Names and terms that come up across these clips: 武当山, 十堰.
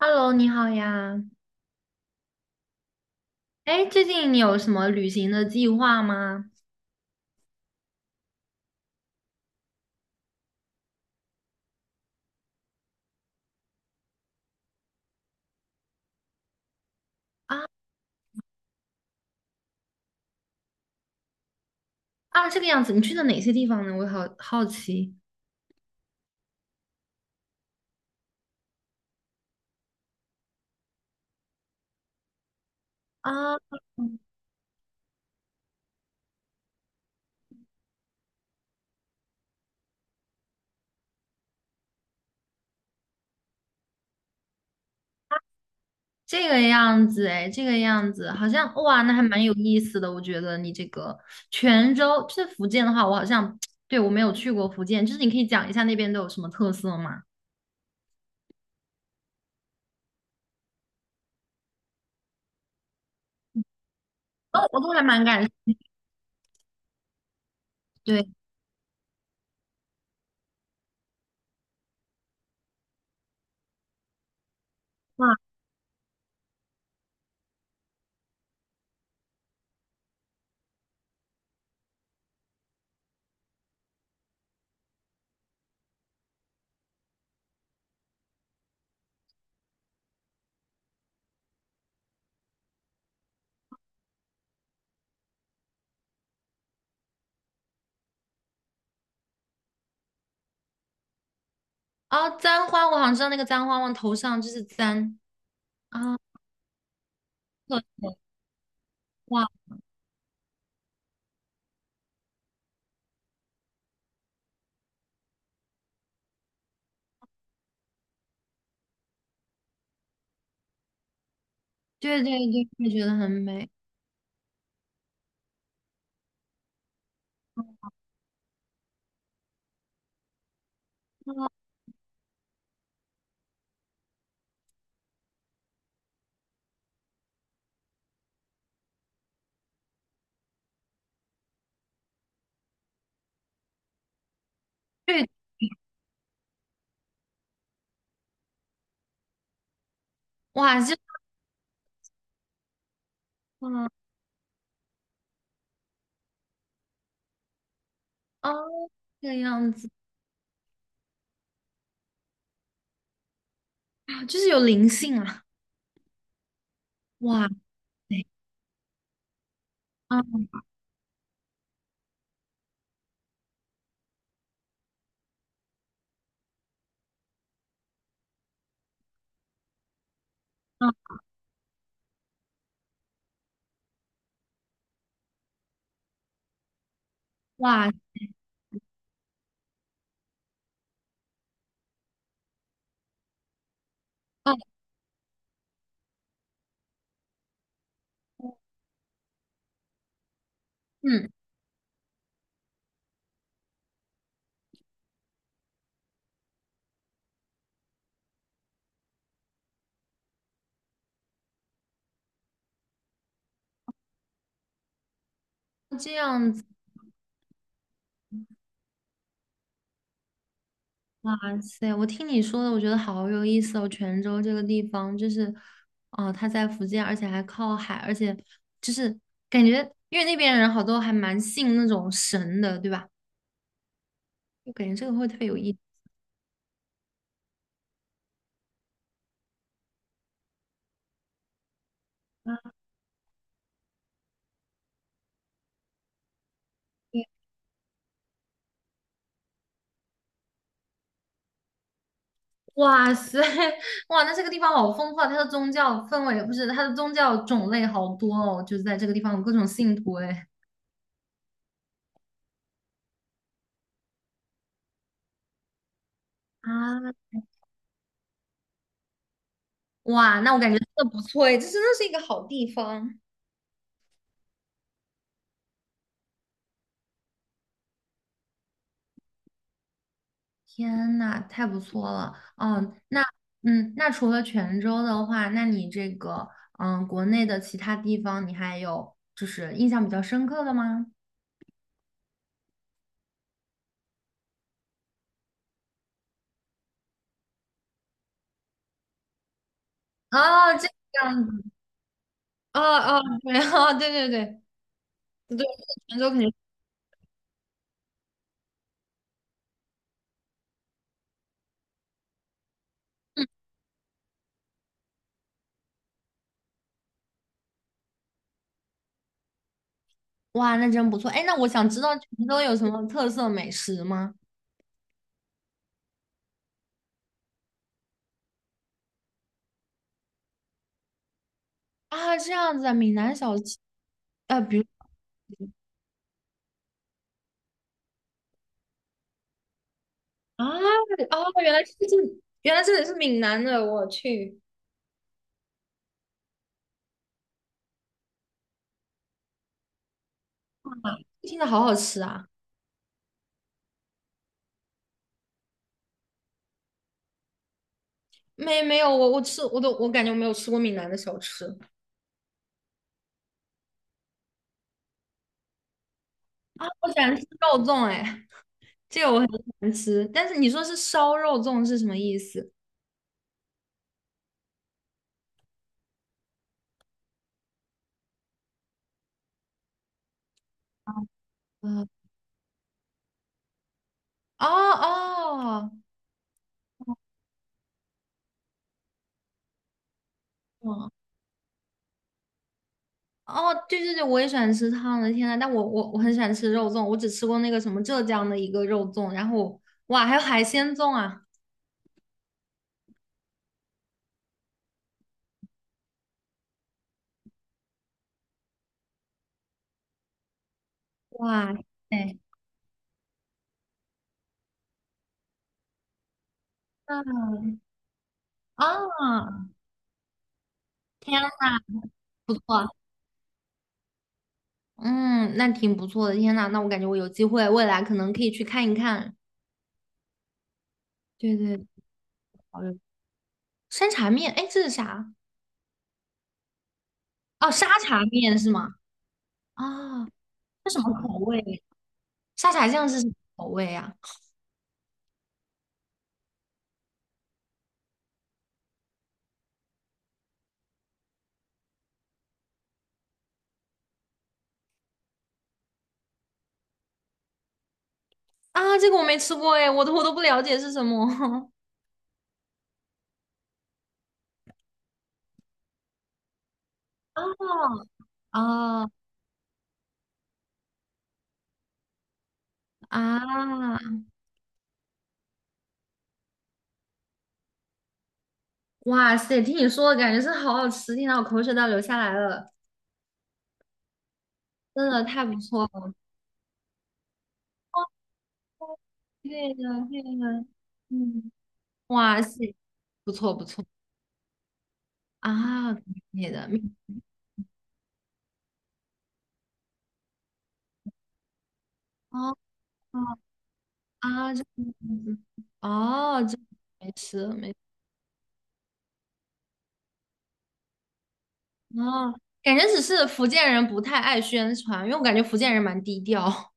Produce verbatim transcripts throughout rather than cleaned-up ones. Hello，你好呀。哎，最近你有什么旅行的计划吗？啊啊，这个样子，你去了哪些地方呢？我好好奇。啊，这个样子，哎，这个样子，好像，哇，那还蛮有意思的。我觉得你这个泉州，就是福建的话，我好像 对，我没有去过福建，就是你可以讲一下那边都有什么特色吗？哦，我都还蛮感，对。哇，哦，簪花，我好像知道那个簪花往头上就是簪。啊，特色。哇，对对对，我也觉得很美。啊。对。哇，就嗯。哦，这个样子啊，就是有灵性啊！哇塞，啊，啊。哇，哦，嗯。哦这样子，哇塞！我听你说的，我觉得好有意思哦。泉州这个地方，就是，哦，它在福建，而且还靠海，而且就是感觉，因为那边人好多还蛮信那种神的，对吧？就感觉这个会特别有意思。哇塞，哇，那这个地方好丰富啊！它的宗教氛围不是，它的宗教种类好多哦，就是在这个地方有各种信徒哎。啊，哇，那我感觉真的不错哎，这真的是一个好地方。天呐，太不错了！哦，那嗯，那除了泉州的话，那你这个嗯，国内的其他地方你还有就是印象比较深刻的吗？哦，这个样子，哦哦，对，哦，对对对。对，泉州肯定。哇，那真不错。哎，那我想知道泉州有什么特色美食吗？啊，这样子啊，闽南小吃，呃，比如。啊，哦，原来是这，原来这里是闽南的，我去。啊，听着好好吃啊。没没有，我我吃我都我感觉我没有吃过闽南的小吃。啊，我喜欢吃肉粽，哎，这个我很喜欢吃。但是你说是烧肉粽是什么意思？啊，哦哦。哦哦，对对对，我也喜欢吃烫的，天呐，但我我我很喜欢吃肉粽，我只吃过那个什么浙江的一个肉粽，然后哇，还有海鲜粽啊。哇塞，嗯。啊，天呐，不错。嗯，那挺不错的，天呐，那我感觉我有机会未来可能可以去看一看。对对，好有山茶面，哎，这是啥？哦，沙茶面是吗？啊，这什么口味？沙茶酱是什么口味啊？啊，这个我没吃过哎，我都我都不了解是什么。哦哦。啊，哇塞！听你说的感觉是好好吃，听到我口水都要流下来了，真的太不错了。哦，对的，对的，嗯。哇塞，不错不错。啊，对的，明。哦哦。啊，这样子，哦，这没事没事。哦，感觉只是福建人不太爱宣传，因为我感觉福建人蛮低调。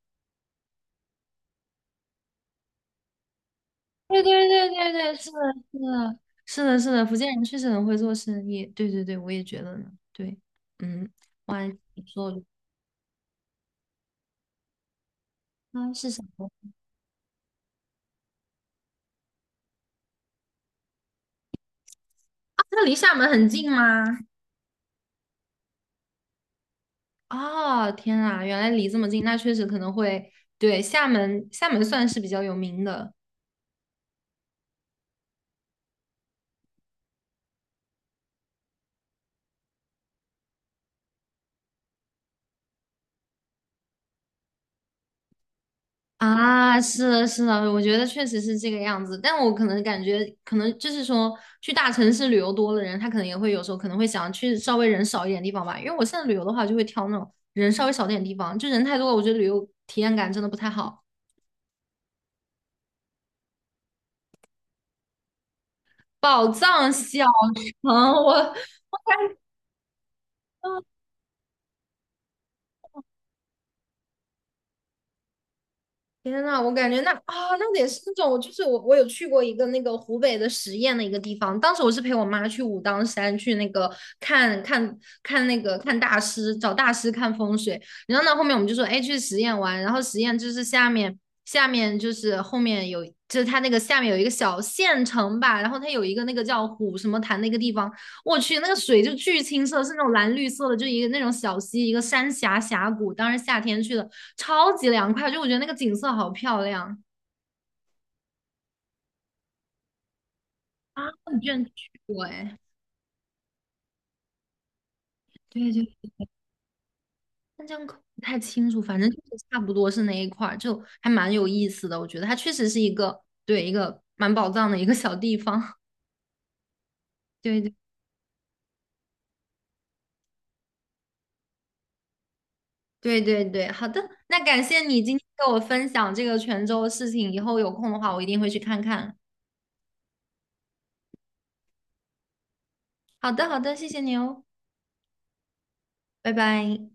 对对对对对，是的，是的，是的，是的，福建人确实很会做生意。对对对，我也觉得呢。对，嗯。哇，你说的。啊是什么？啊，它离厦门很近吗？哦，天啊，原来离这么近，那确实可能会，对，厦门，厦门算是比较有名的。啊，是的，是的，我觉得确实是这个样子。但我可能感觉，可能就是说，去大城市旅游多的人，他可能也会有时候可能会想去稍微人少一点地方吧。因为我现在旅游的话，就会挑那种人稍微少点地方，就人太多了，我觉得旅游体验感真的不太好。宝藏小城，我天呐，我感觉那啊，那得是那种，就是我我有去过一个那个湖北的十堰的一个地方，当时我是陪我妈去武当山去那个看看看那个看大师，找大师看风水，然后呢后面我们就说，哎，去十堰玩，然后十堰就是下面下面就是后面有，就是它那个下面有一个小县城吧，然后它有一个那个叫虎什么潭的一个地方，我去，那个水就巨清澈，是那种蓝绿色的，就一个那种小溪，一个山峡峡谷。当时夏天去的，超级凉快，就我觉得那个景色好漂亮。啊！你居然去过哎？对对，但这样可不太清楚，反正就是差不多是那一块儿，就还蛮有意思的。我觉得它确实是一个对一个蛮宝藏的一个小地方。对对对对对，好的，那感谢你今天给我分享这个泉州的事情，以后有空的话我一定会去看看。好的好的，谢谢你哦，拜拜。